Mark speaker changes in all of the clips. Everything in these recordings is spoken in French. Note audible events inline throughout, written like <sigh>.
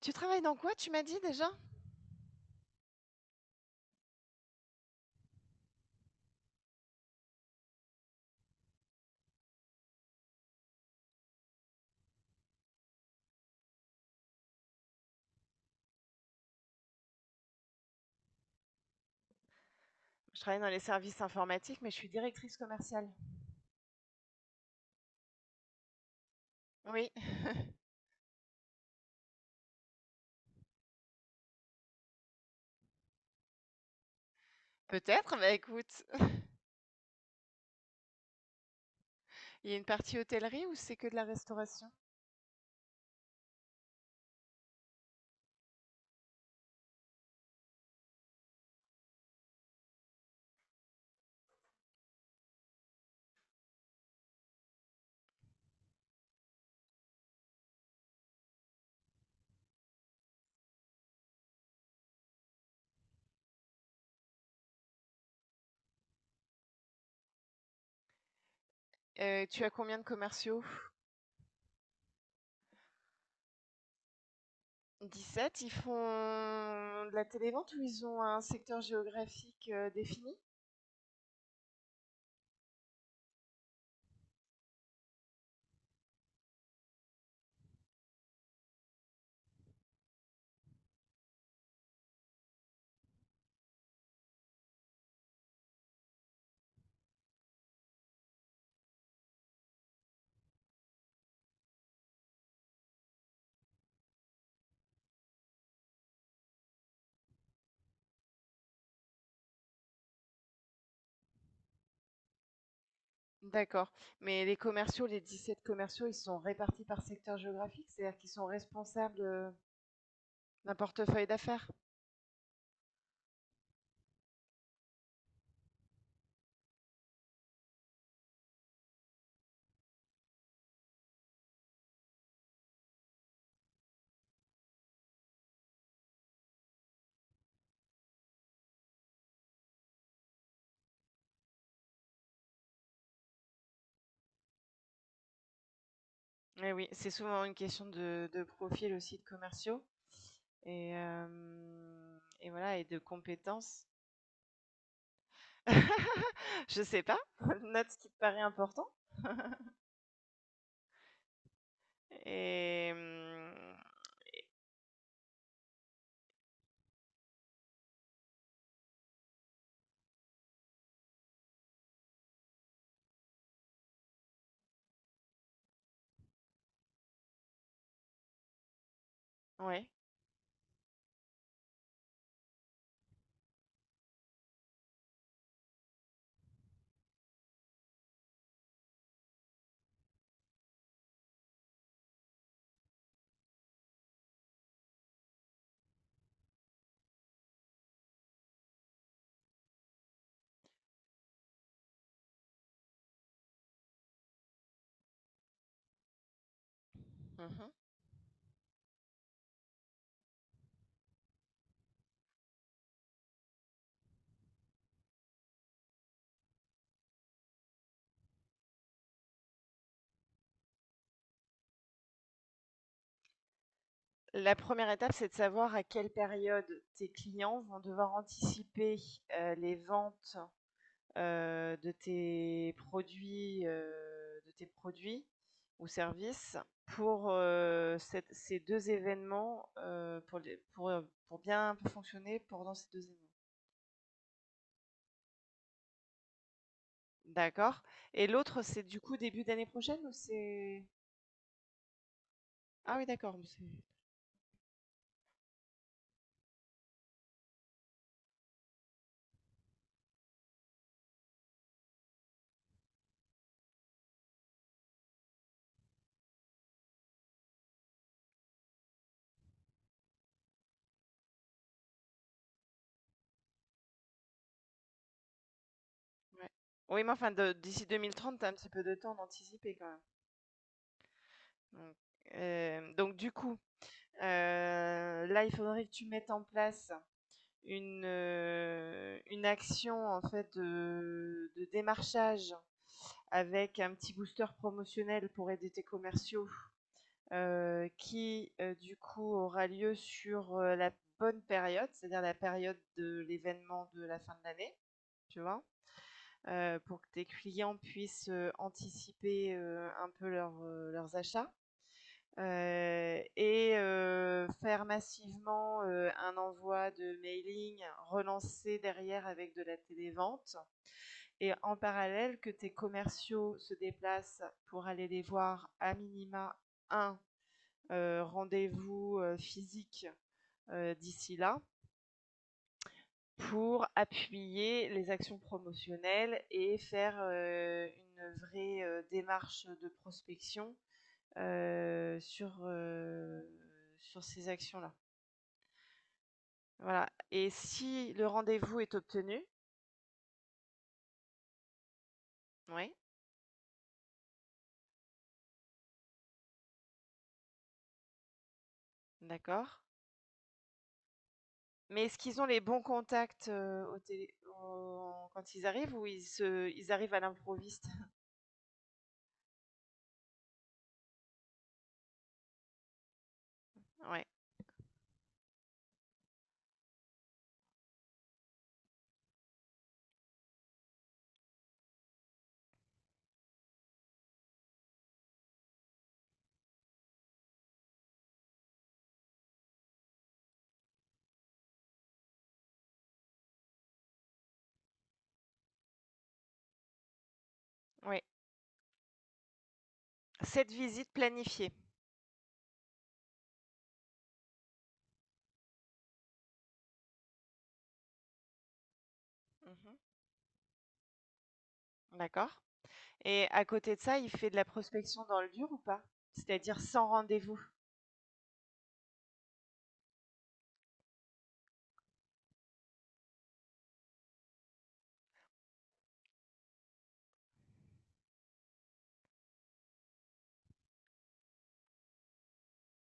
Speaker 1: Tu travailles dans quoi, tu m'as dit déjà? Je travaille dans les services informatiques, mais je suis directrice commerciale. Oui, peut-être, bah écoute, il y a une partie hôtellerie ou c'est que de la restauration? Tu as combien de commerciaux? 17. Ils font de la télévente ou ils ont un secteur géographique défini? D'accord. Mais les commerciaux, les 17 commerciaux, ils sont répartis par secteur géographique, c'est-à-dire qu'ils sont responsables d'un portefeuille d'affaires. Eh oui, c'est souvent une question de profil aussi de commerciaux. Et hem et voilà et de compétences. <laughs> Je sais pas, <laughs> note ce qui te paraît important et mmh, ouais. Mmh. La première étape, c'est de savoir à quelle période tes clients vont devoir anticiper, les ventes, de tes produits, de tes produits ou services pour, cette ces 2 événements, pour bien fonctionner pendant ces 2 événements. D'accord. Et l'autre, c'est du coup début d'année prochaine ou c'est ah oui d'accord, mais c'est ouais. Oui, mais enfin de d'ici 2030, tu as un petit peu de temps d'anticiper quand même. Donc, hem, donc du coup, là, il faudrait que tu mettes en place une action en fait de démarchage avec un petit booster promotionnel pour aider tes commerciaux. Du coup aura lieu sur, la bonne période, c'est-à-dire la période de l'événement de la fin de l'année, tu vois? Pour que tes clients puissent, anticiper, un peu leurs, leurs achats, et faire massivement, un envoi de mailing, relancer derrière avec de la télévente et en parallèle que tes commerciaux se déplacent pour aller les voir à minima un rendez-vous physique d'ici là pour appuyer les actions promotionnelles et faire une vraie démarche de prospection euh, sur, euh, sur ces actions-là. Voilà. Et si le rendez-vous est obtenu, oui, d'accord. Mais est-ce qu'ils ont les bons contacts quand ils arrivent ou ils, se- ils arrivent à l'improviste. Oui, oui. Cette visite planifiée. Mhm. D'accord. Et à côté de ça, il fait de la prospection dans le dur ou pas? C'est-à-dire sans rendez-vous?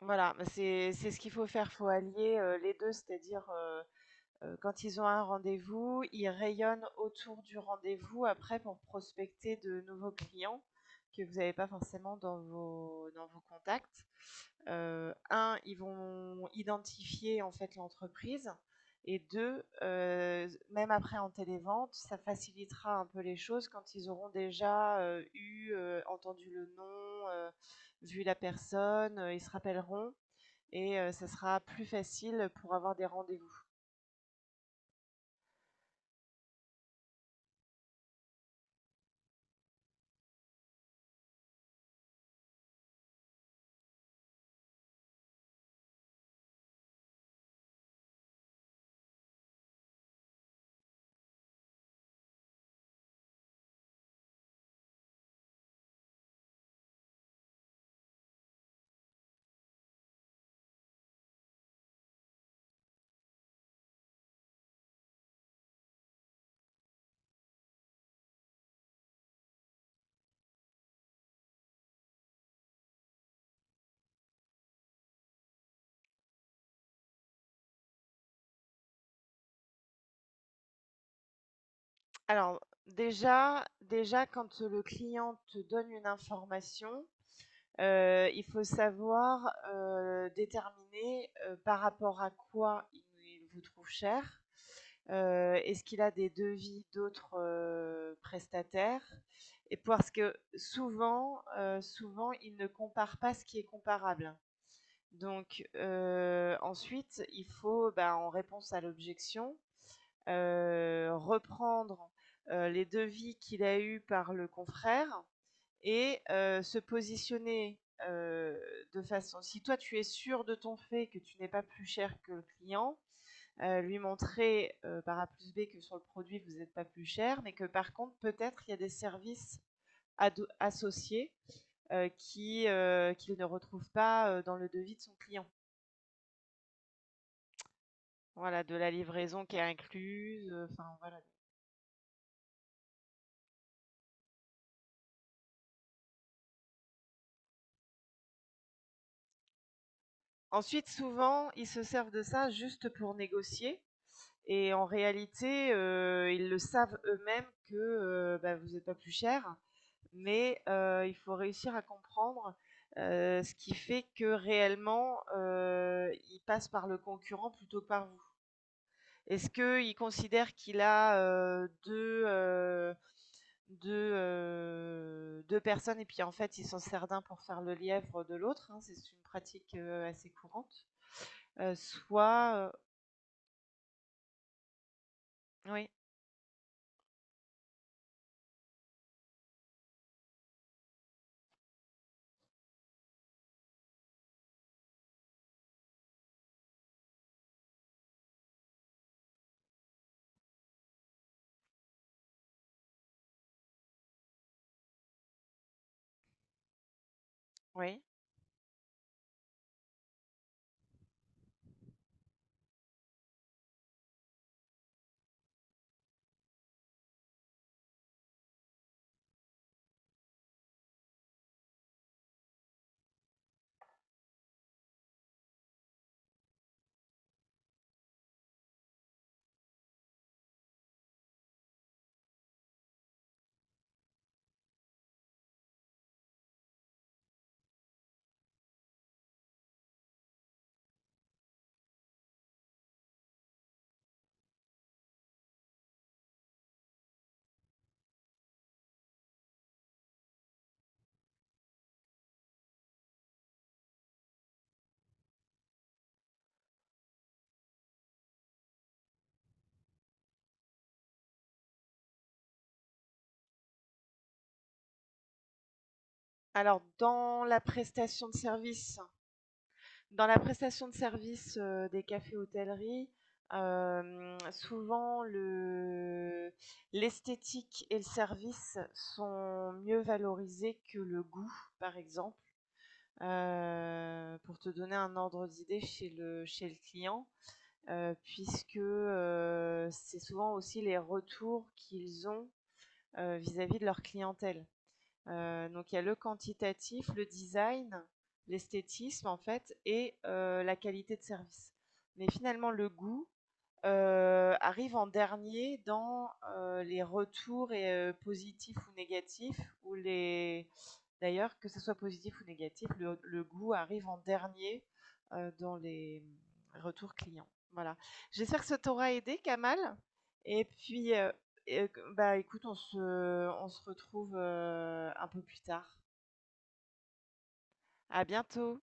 Speaker 1: Voilà, bah, c'est ce qu'il faut faire. Faut allier, les 2, c'est-à-dire, quand ils ont un rendez-vous, ils rayonnent autour du rendez-vous après pour prospecter de nouveaux clients que vous n'avez pas forcément dans vos contacts. Un, ils vont identifier en fait l'entreprise. Et deux, même après en télévente, ça facilitera un peu les choses quand ils auront déjà entendu le nom, vu la personne, ils se rappelleront et ça sera plus facile pour avoir des rendez-vous. Alors déjà, déjà quand le client te donne une information, il faut savoir déterminer par rapport à quoi il vous trouve cher. Est-ce qu'il a des devis d'autres prestataires? Et parce que souvent, souvent, il ne compare pas ce qui est comparable. Donc ensuite, il faut, bah, en réponse à l'objection, reprendre les devis qu'il a eus par le confrère et se positionner euh, de façon. Si toi tu es sûr de ton fait que tu n'es pas plus cher que le client, lui montrer par A plus B que sur le produit vous n'êtes pas plus cher, mais que par contre peut-être il y a des services associés qui qu'il ne retrouve pas dans le devis de son client. Voilà, de la livraison qui est incluse. Enfin voilà. Ensuite, souvent, ils se servent de ça juste pour négocier. Et en réalité, ils le savent eux-mêmes que bah, vous n'êtes pas plus cher, mais il faut réussir à comprendre ce qui fait que réellement, il passe par le concurrent plutôt que par vous. Est-ce qu'il considère qu'il a deux, deux personnes et puis en fait, il s'en sert d'un pour faire le lièvre de l'autre hein, c'est une pratique assez courante. Euh, soit... euh, oui, oui. Alors dans la prestation de service des cafés-hôtelleries, hem, souvent le l'esthétique et le service sont mieux valorisés que le goût, par exemple. Pour te donner un ordre d'idée chez le client, puisque, c'est souvent aussi les retours qu'ils ont, vis-à-vis de leur clientèle. Donc il y a le quantitatif, le design, l'esthétisme en fait et la qualité de service. Mais finalement le goût, arrive en dernier dans, les retours et positifs ou négatifs ou les d'ailleurs que ce soit positif ou négatif, le goût arrive en dernier, dans les retours clients. Voilà. J'espère que ça t'aura aidé Kamal et puis, et bah, écoute on se retrouve, un peu plus tard. À bientôt.